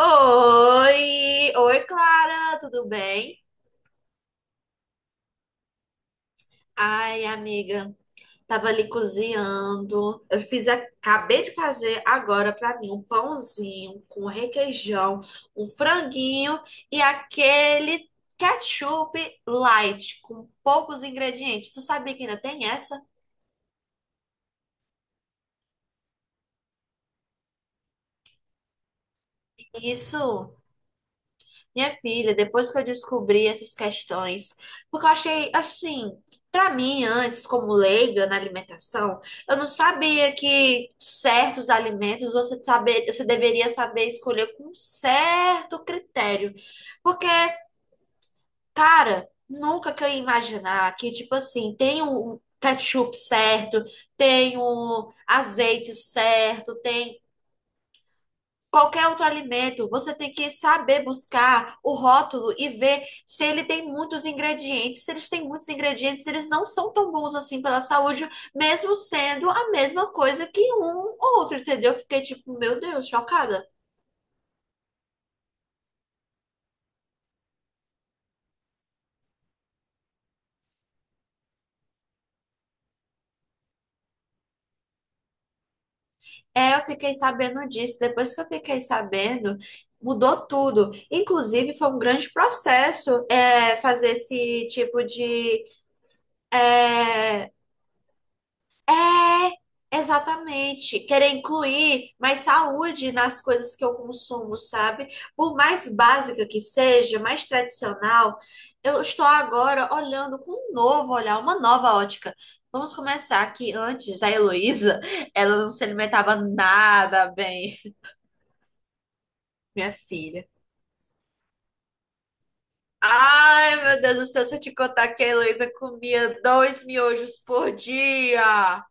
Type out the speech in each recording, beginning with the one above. Oi! Oi, Clara, tudo bem? Ai, amiga, tava ali cozinhando. Acabei de fazer agora pra mim um pãozinho com requeijão, um franguinho e aquele ketchup light com poucos ingredientes. Tu sabia que ainda tem essa? Isso. Minha filha, depois que eu descobri essas questões, porque eu achei assim, pra mim antes, como leiga na alimentação, eu não sabia que certos alimentos você deveria saber escolher com um certo critério. Porque, cara, nunca que eu ia imaginar que tipo assim, tem o ketchup certo, tem o azeite certo, tem qualquer outro alimento, você tem que saber buscar o rótulo e ver se ele tem muitos ingredientes. Se eles têm muitos ingredientes, eles não são tão bons assim pela saúde, mesmo sendo a mesma coisa que um ou outro, entendeu? Eu fiquei tipo, meu Deus, chocada. É, eu fiquei sabendo disso. Depois que eu fiquei sabendo, mudou tudo. Inclusive, foi um grande processo, fazer esse tipo de, é, é, exatamente. Querer incluir mais saúde nas coisas que eu consumo, sabe? Por mais básica que seja, mais tradicional, eu estou agora olhando com um novo olhar, uma nova ótica. Vamos começar que antes a Heloísa, ela não se alimentava nada bem, minha filha. Ai, meu Deus do céu, se eu te contar que a Heloísa comia dois miojos por dia.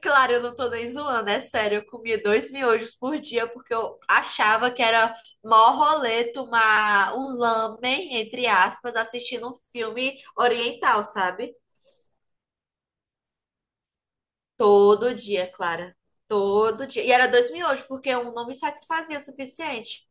Claro, eu não tô nem zoando, é sério. Eu comia dois miojos por dia porque eu achava que era mó rolê tomar um lamen, entre aspas, assistindo um filme oriental, sabe? Todo dia, Clara. Todo dia. E era dois miojos porque um não me satisfazia o suficiente.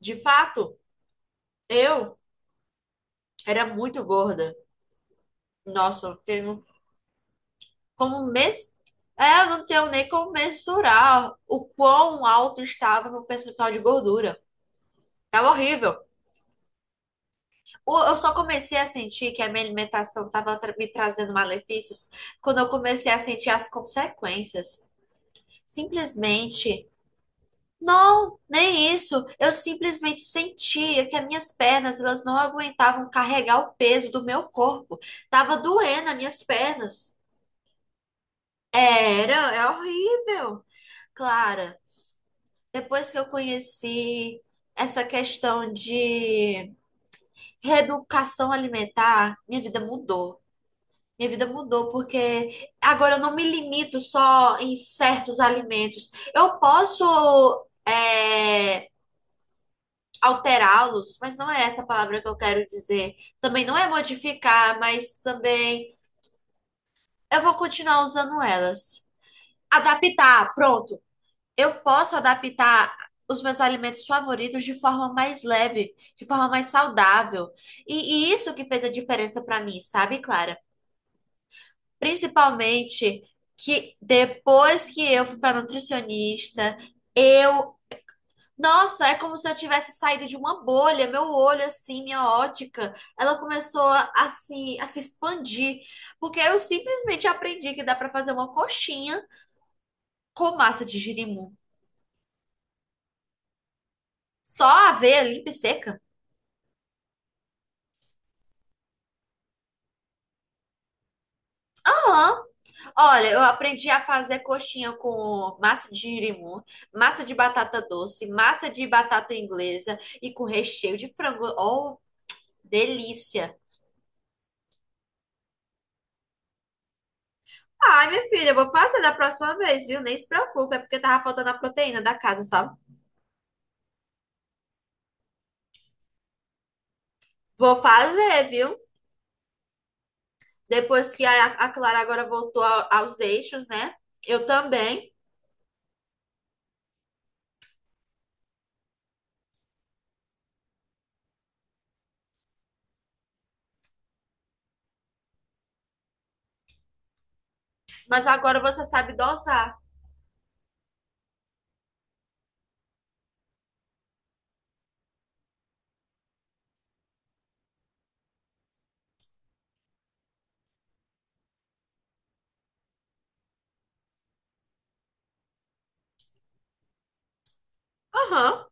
De fato, eu era muito gorda. Nossa, eu tenho como mês. É, eu não tenho nem como mensurar o quão alto estava meu percentual de gordura. Tava horrível. Eu só comecei a sentir que a minha alimentação estava me trazendo malefícios quando eu comecei a sentir as consequências. Simplesmente, não, nem isso. Eu simplesmente sentia que as minhas pernas, elas não aguentavam carregar o peso do meu corpo. Tava doendo as minhas pernas. Era, é horrível. Clara, depois que eu conheci essa questão de reeducação alimentar, minha vida mudou. Minha vida mudou porque agora eu não me limito só em certos alimentos. Eu posso é, alterá-los, mas não é essa a palavra que eu quero dizer. Também não é modificar, mas também eu vou continuar usando elas. Adaptar, pronto. Eu posso adaptar os meus alimentos favoritos de forma mais leve, de forma mais saudável. E isso que fez a diferença para mim, sabe, Clara? Principalmente que depois que eu fui para nutricionista, eu. Nossa, é como se eu tivesse saído de uma bolha. Meu olho, assim, minha ótica, ela começou a se expandir. Porque eu simplesmente aprendi que dá para fazer uma coxinha com massa de girimum. Só aveia limpa e seca. Aham. Olha, eu aprendi a fazer coxinha com massa de girimum, massa de batata doce, massa de batata inglesa e com recheio de frango. Oh, delícia. Ai, minha filha, eu vou fazer da próxima vez, viu? Nem se preocupe, é porque tava faltando a proteína da casa, sabe? Vou fazer, viu? Depois que a Clara agora aos eixos, né? Eu também. Mas agora você sabe dosar. Aham.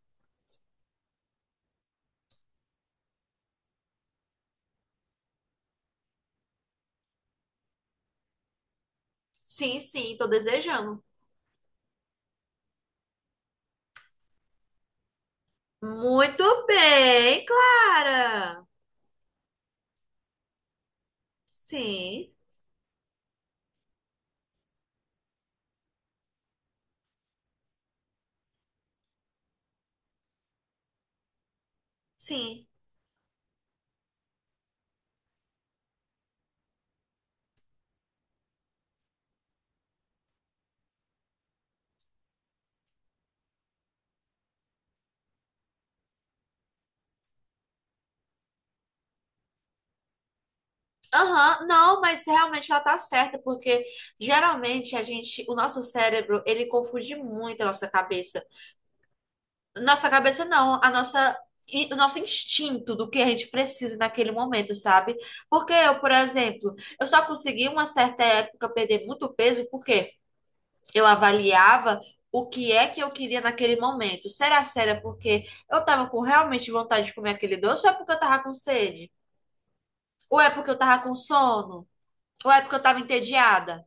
Sim, sim, tô desejando. Muito bem, Clara. Sim, sim. Aham, não, mas realmente ela tá certa, porque geralmente a gente, o nosso cérebro, ele confunde muito a nossa cabeça. Nossa cabeça não, o nosso instinto do que a gente precisa naquele momento, sabe? Porque eu, por exemplo, eu só consegui uma certa época perder muito peso porque eu avaliava o que é que eu queria naquele momento. Será que era porque eu tava com realmente vontade de comer aquele doce ou é porque eu tava com sede? Ou é porque eu tava com sono? Ou é porque eu tava entediada?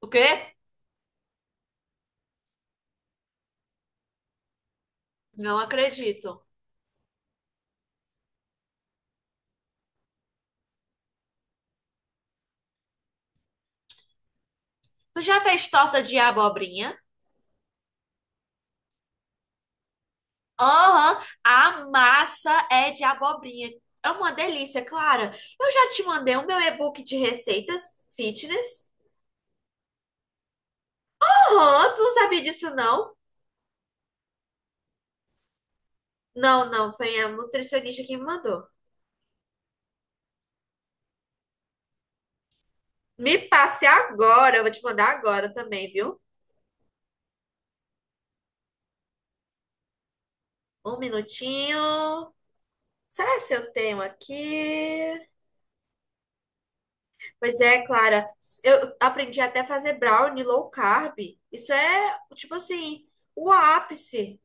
O quê? Não acredito. Tu já fez torta de abobrinha? Aham, a massa é de abobrinha. É uma delícia, Clara. Eu já te mandei o meu e-book de receitas fitness. Aham, tu não sabia disso, não? Não, não, foi a nutricionista que me mandou. Me passe agora, eu vou te mandar agora também, viu? Um minutinho. Será que eu tenho aqui? Pois é, Clara, eu aprendi até a fazer brownie low carb. Isso é, tipo assim, o ápice.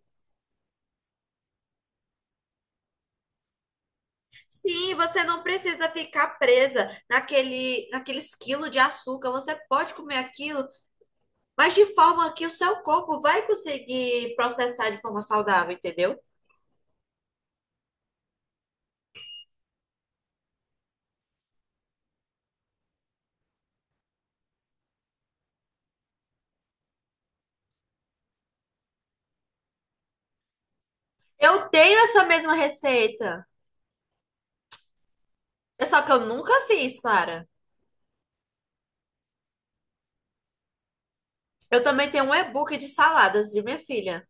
Sim, você não precisa ficar presa naqueles quilos de açúcar. Você pode comer aquilo, mas de forma que o seu corpo vai conseguir processar de forma saudável, entendeu? Eu tenho essa mesma receita. É só que eu nunca fiz, Clara. Eu também tenho um e-book de saladas de minha filha.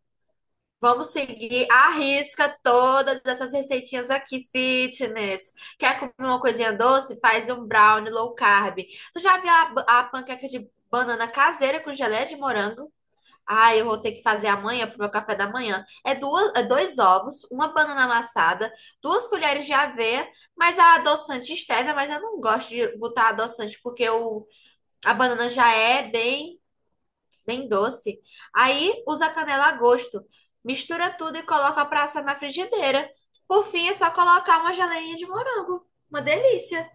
Vamos seguir à risca todas essas receitinhas aqui, fitness. Quer comer uma coisinha doce? Faz um brownie low carb. Tu já viu a panqueca de banana caseira com geleia de morango? Ah, eu vou ter que fazer amanhã pro meu café da manhã. É, é dois ovos, uma banana amassada, duas colheres de aveia, mas a adoçante stevia, mas eu não gosto de botar adoçante porque a banana já é bem doce. Aí usa canela a gosto. Mistura tudo e coloca pra assar na frigideira. Por fim, é só colocar uma geleinha de morango. Uma delícia.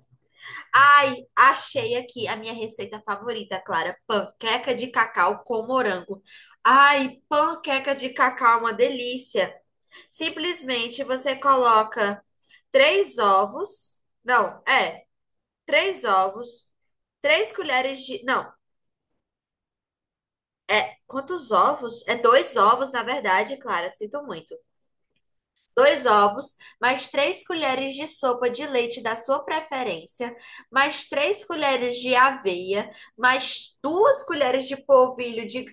Ai, achei aqui a minha receita favorita, Clara. Panqueca de cacau com morango. Ai, panqueca de cacau, é uma delícia. Simplesmente você coloca três ovos. Não, é, três ovos, três colheres de. Não, É, quantos ovos? é dois ovos, na verdade, Clara, sinto muito. Dois ovos, mais três colheres de sopa de leite da sua preferência, mais três colheres de aveia, mais duas colheres de polvilho de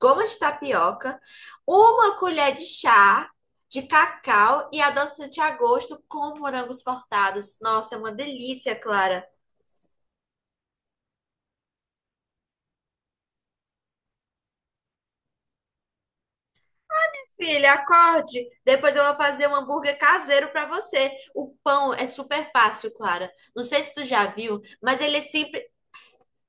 goma de tapioca, uma colher de chá de cacau e adoçante a gosto com morangos cortados. Nossa, é uma delícia, Clara. Filha, acorde. Depois eu vou fazer um hambúrguer caseiro para você. O pão é super fácil, Clara. Não sei se tu já viu, mas ele é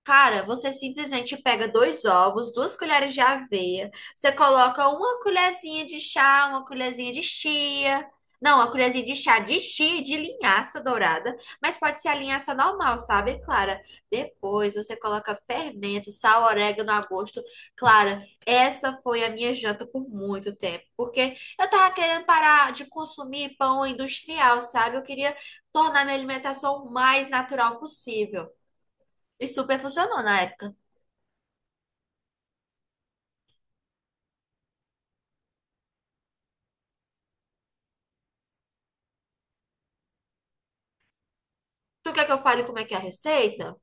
cara, você simplesmente pega dois ovos, duas colheres de aveia, você coloca uma colherzinha de chá, uma colherzinha de chia. Não, uma colherzinha de chá de chia, e de linhaça dourada, mas pode ser a linhaça normal, sabe, Clara? Depois você coloca fermento, sal, orégano a gosto. Clara, essa foi a minha janta por muito tempo, porque eu tava querendo parar de consumir pão industrial, sabe? Eu queria tornar minha alimentação o mais natural possível. E super funcionou na época. Tu quer que eu fale como é que é a receita?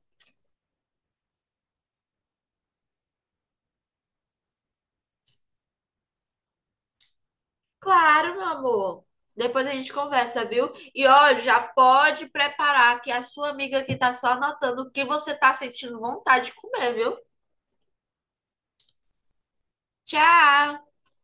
Claro, meu amor. Depois a gente conversa, viu? E ó, já pode preparar que a sua amiga aqui tá só anotando o que você tá sentindo vontade de comer, viu? Tchau!